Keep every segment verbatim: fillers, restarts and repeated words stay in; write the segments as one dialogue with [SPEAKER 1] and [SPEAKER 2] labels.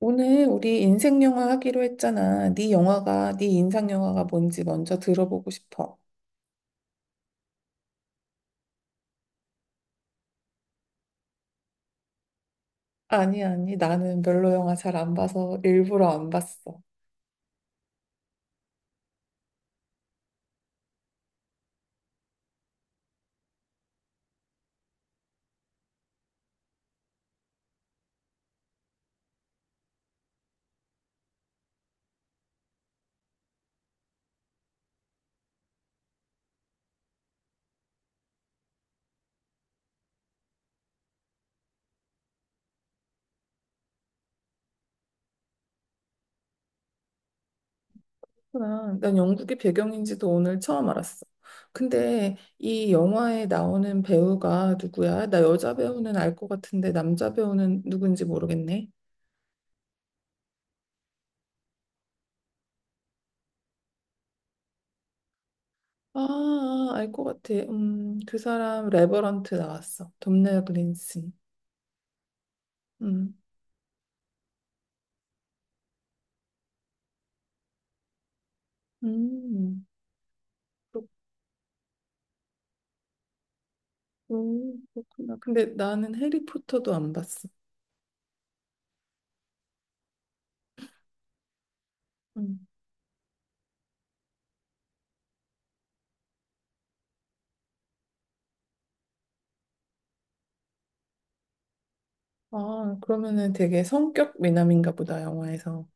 [SPEAKER 1] 오늘 우리 인생 영화 하기로 했잖아. 네 영화가, 네 인상 영화가 뭔지 먼저 들어보고 싶어. 아니, 아니, 나는 별로 영화 잘 안 봐서 일부러 안 봤어. 그렇구나. 난 영국이 배경인지도 오늘 처음 알았어. 근데 이 영화에 나오는 배우가 누구야? 나 여자 배우는 알 것 같은데 남자 배우는 누군지 모르겠네. 아, 알 것 같아. 음, 그 사람 레버런트 나왔어. 돔나 그린슨. 음, 음. 오, 그렇구나. 근데 나는 해리포터도 안 봤어. 음. 아, 그러면은 되게 성격 미남인가 보다, 영화에서.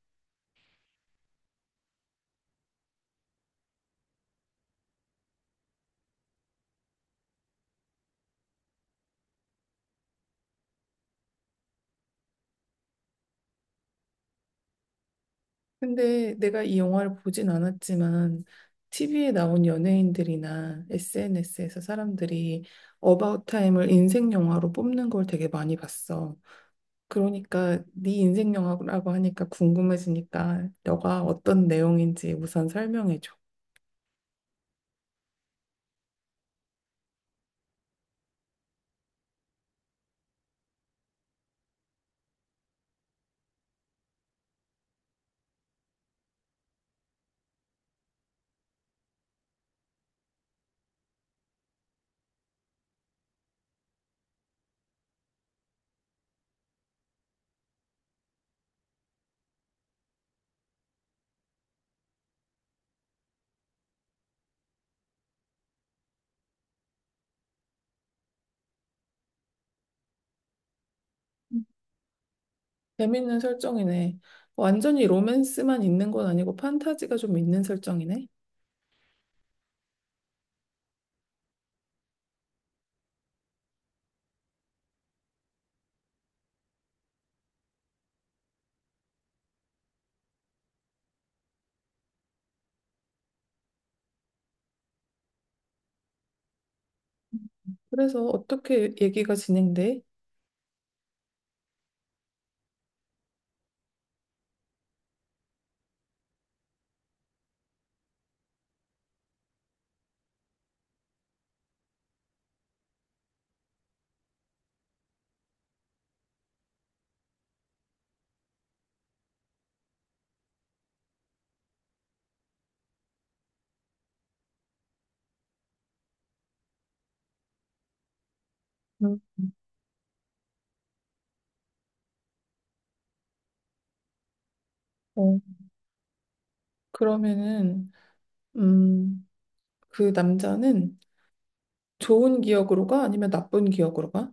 [SPEAKER 1] 근데 내가 이 영화를 보진 않았지만, 티비에 나온 연예인들이나 에스엔에스에서 사람들이 어바웃 타임을 인생 영화로 뽑는 걸 되게 많이 봤어. 그러니까 네 인생 영화라고 하니까 궁금해지니까 너가 어떤 내용인지 우선 설명해줘. 재밌는 설정이네. 완전히 로맨스만 있는 건 아니고 판타지가 좀 있는 설정이네. 그래서 어떻게 얘기가 진행돼? 음, 어, 그러면은, 음, 그 남자는 좋은 기억으로 가? 아니면 나쁜 기억으로 가?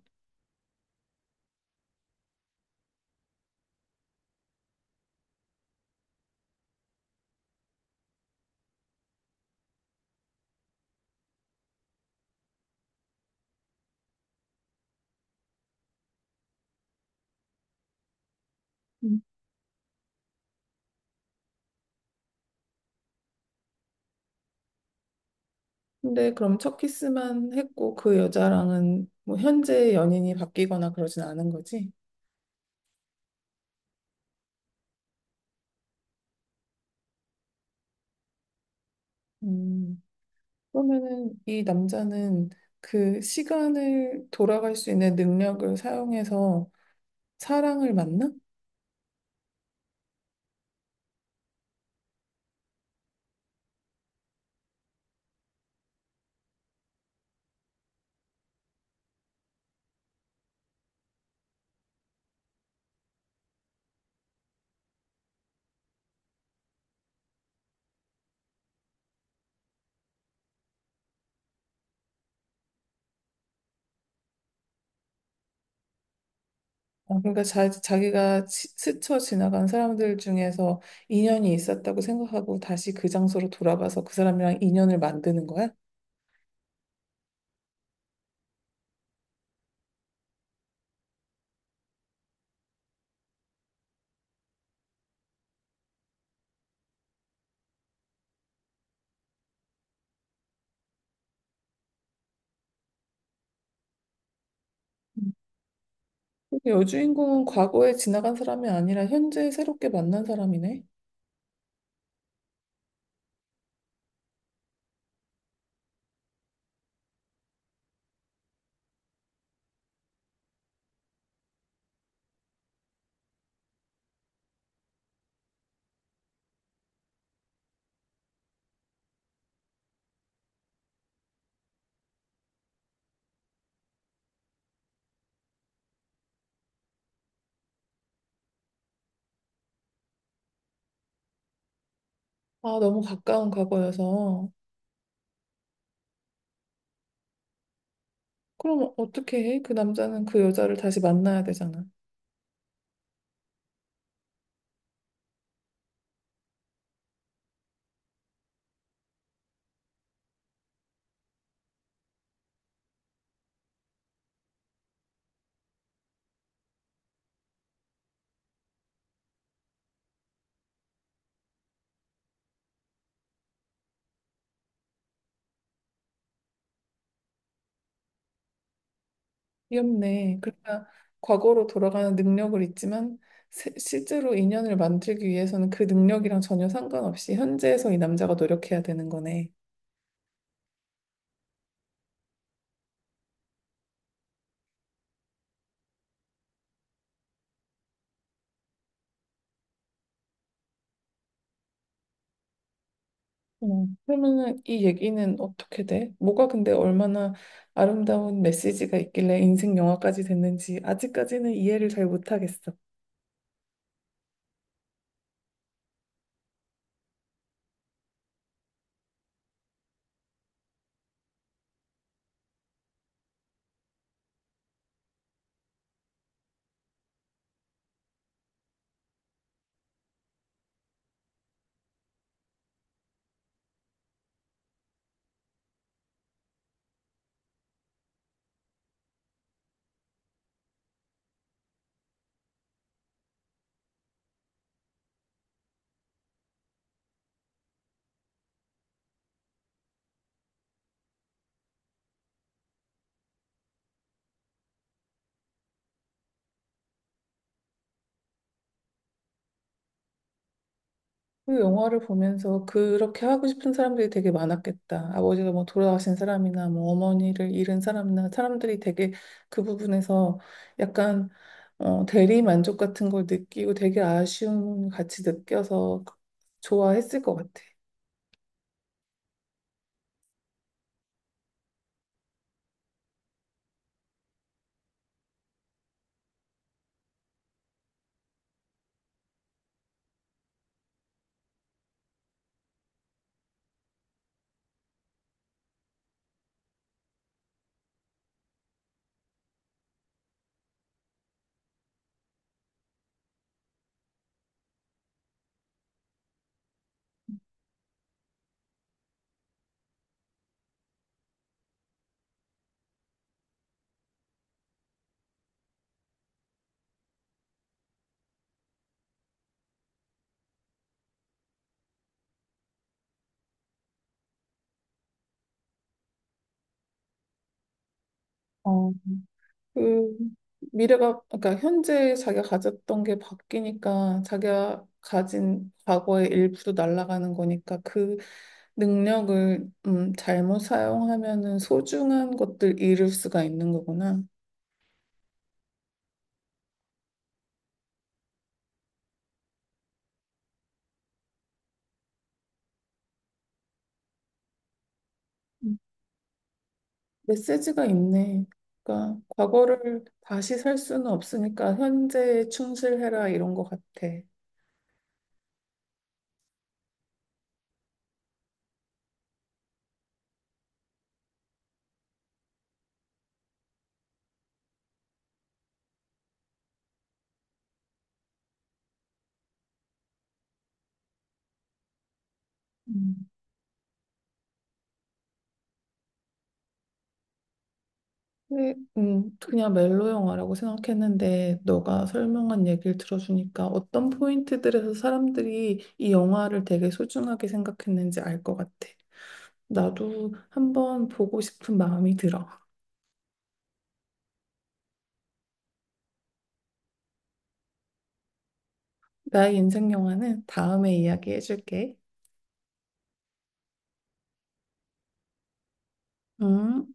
[SPEAKER 1] 음. 근데 그럼 첫 키스만 했고 그 여자랑은 뭐 현재 연인이 바뀌거나 그러진 않은 거지? 음, 그러면은 이 남자는 그 시간을 돌아갈 수 있는 능력을 사용해서 사랑을 만나? 아, 그러니까 자, 자기가 치- 스쳐 지나간 사람들 중에서 인연이 있었다고 생각하고 다시 그 장소로 돌아가서 그 사람이랑 인연을 만드는 거야? 음. 여주인공은 과거에 지나간 사람이 아니라 현재 새롭게 만난 사람이네? 아, 너무 가까운 과거여서. 그럼 어떻게 해? 그 남자는 그 여자를 다시 만나야 되잖아. 귀엽네. 그러니까 과거로 돌아가는 능력을 있지만 세- 실제로 인연을 만들기 위해서는 그 능력이랑 전혀 상관없이 현재에서 이 남자가 노력해야 되는 거네. 어, 그러면은 이 얘기는 어떻게 돼? 뭐가 근데 얼마나 아름다운 메시지가 있길래 인생 영화까지 됐는지 아직까지는 이해를 잘 못하겠어. 그 영화를 보면서 그렇게 하고 싶은 사람들이 되게 많았겠다. 아버지가 뭐 돌아가신 사람이나 뭐 어머니를 잃은 사람이나 사람들이 되게 그 부분에서 약간 어, 대리 만족 같은 걸 느끼고 되게 아쉬움 같이 느껴서 좋아했을 것 같아. 그 미래가 그러니까 현재 자기가 가졌던 게 바뀌니까 자기가 가진 과거의 일부도 날아가는 거니까 그 능력을 음, 잘못 사용하면은 소중한 것들 잃을 수가 있는 거구나. 음, 메시지가 있네. 그러니까 과거를 다시 살 수는 없으니까 현재에 충실해라 이런 것 같아. 음. 네, 음, 그냥 멜로 영화라고 생각했는데 너가 설명한 얘기를 들어주니까 어떤 포인트들에서 사람들이 이 영화를 되게 소중하게 생각했는지 알 것 같아. 나도 한번 보고 싶은 마음이 들어. 나의 인생 영화는 다음에 이야기해줄게. 음.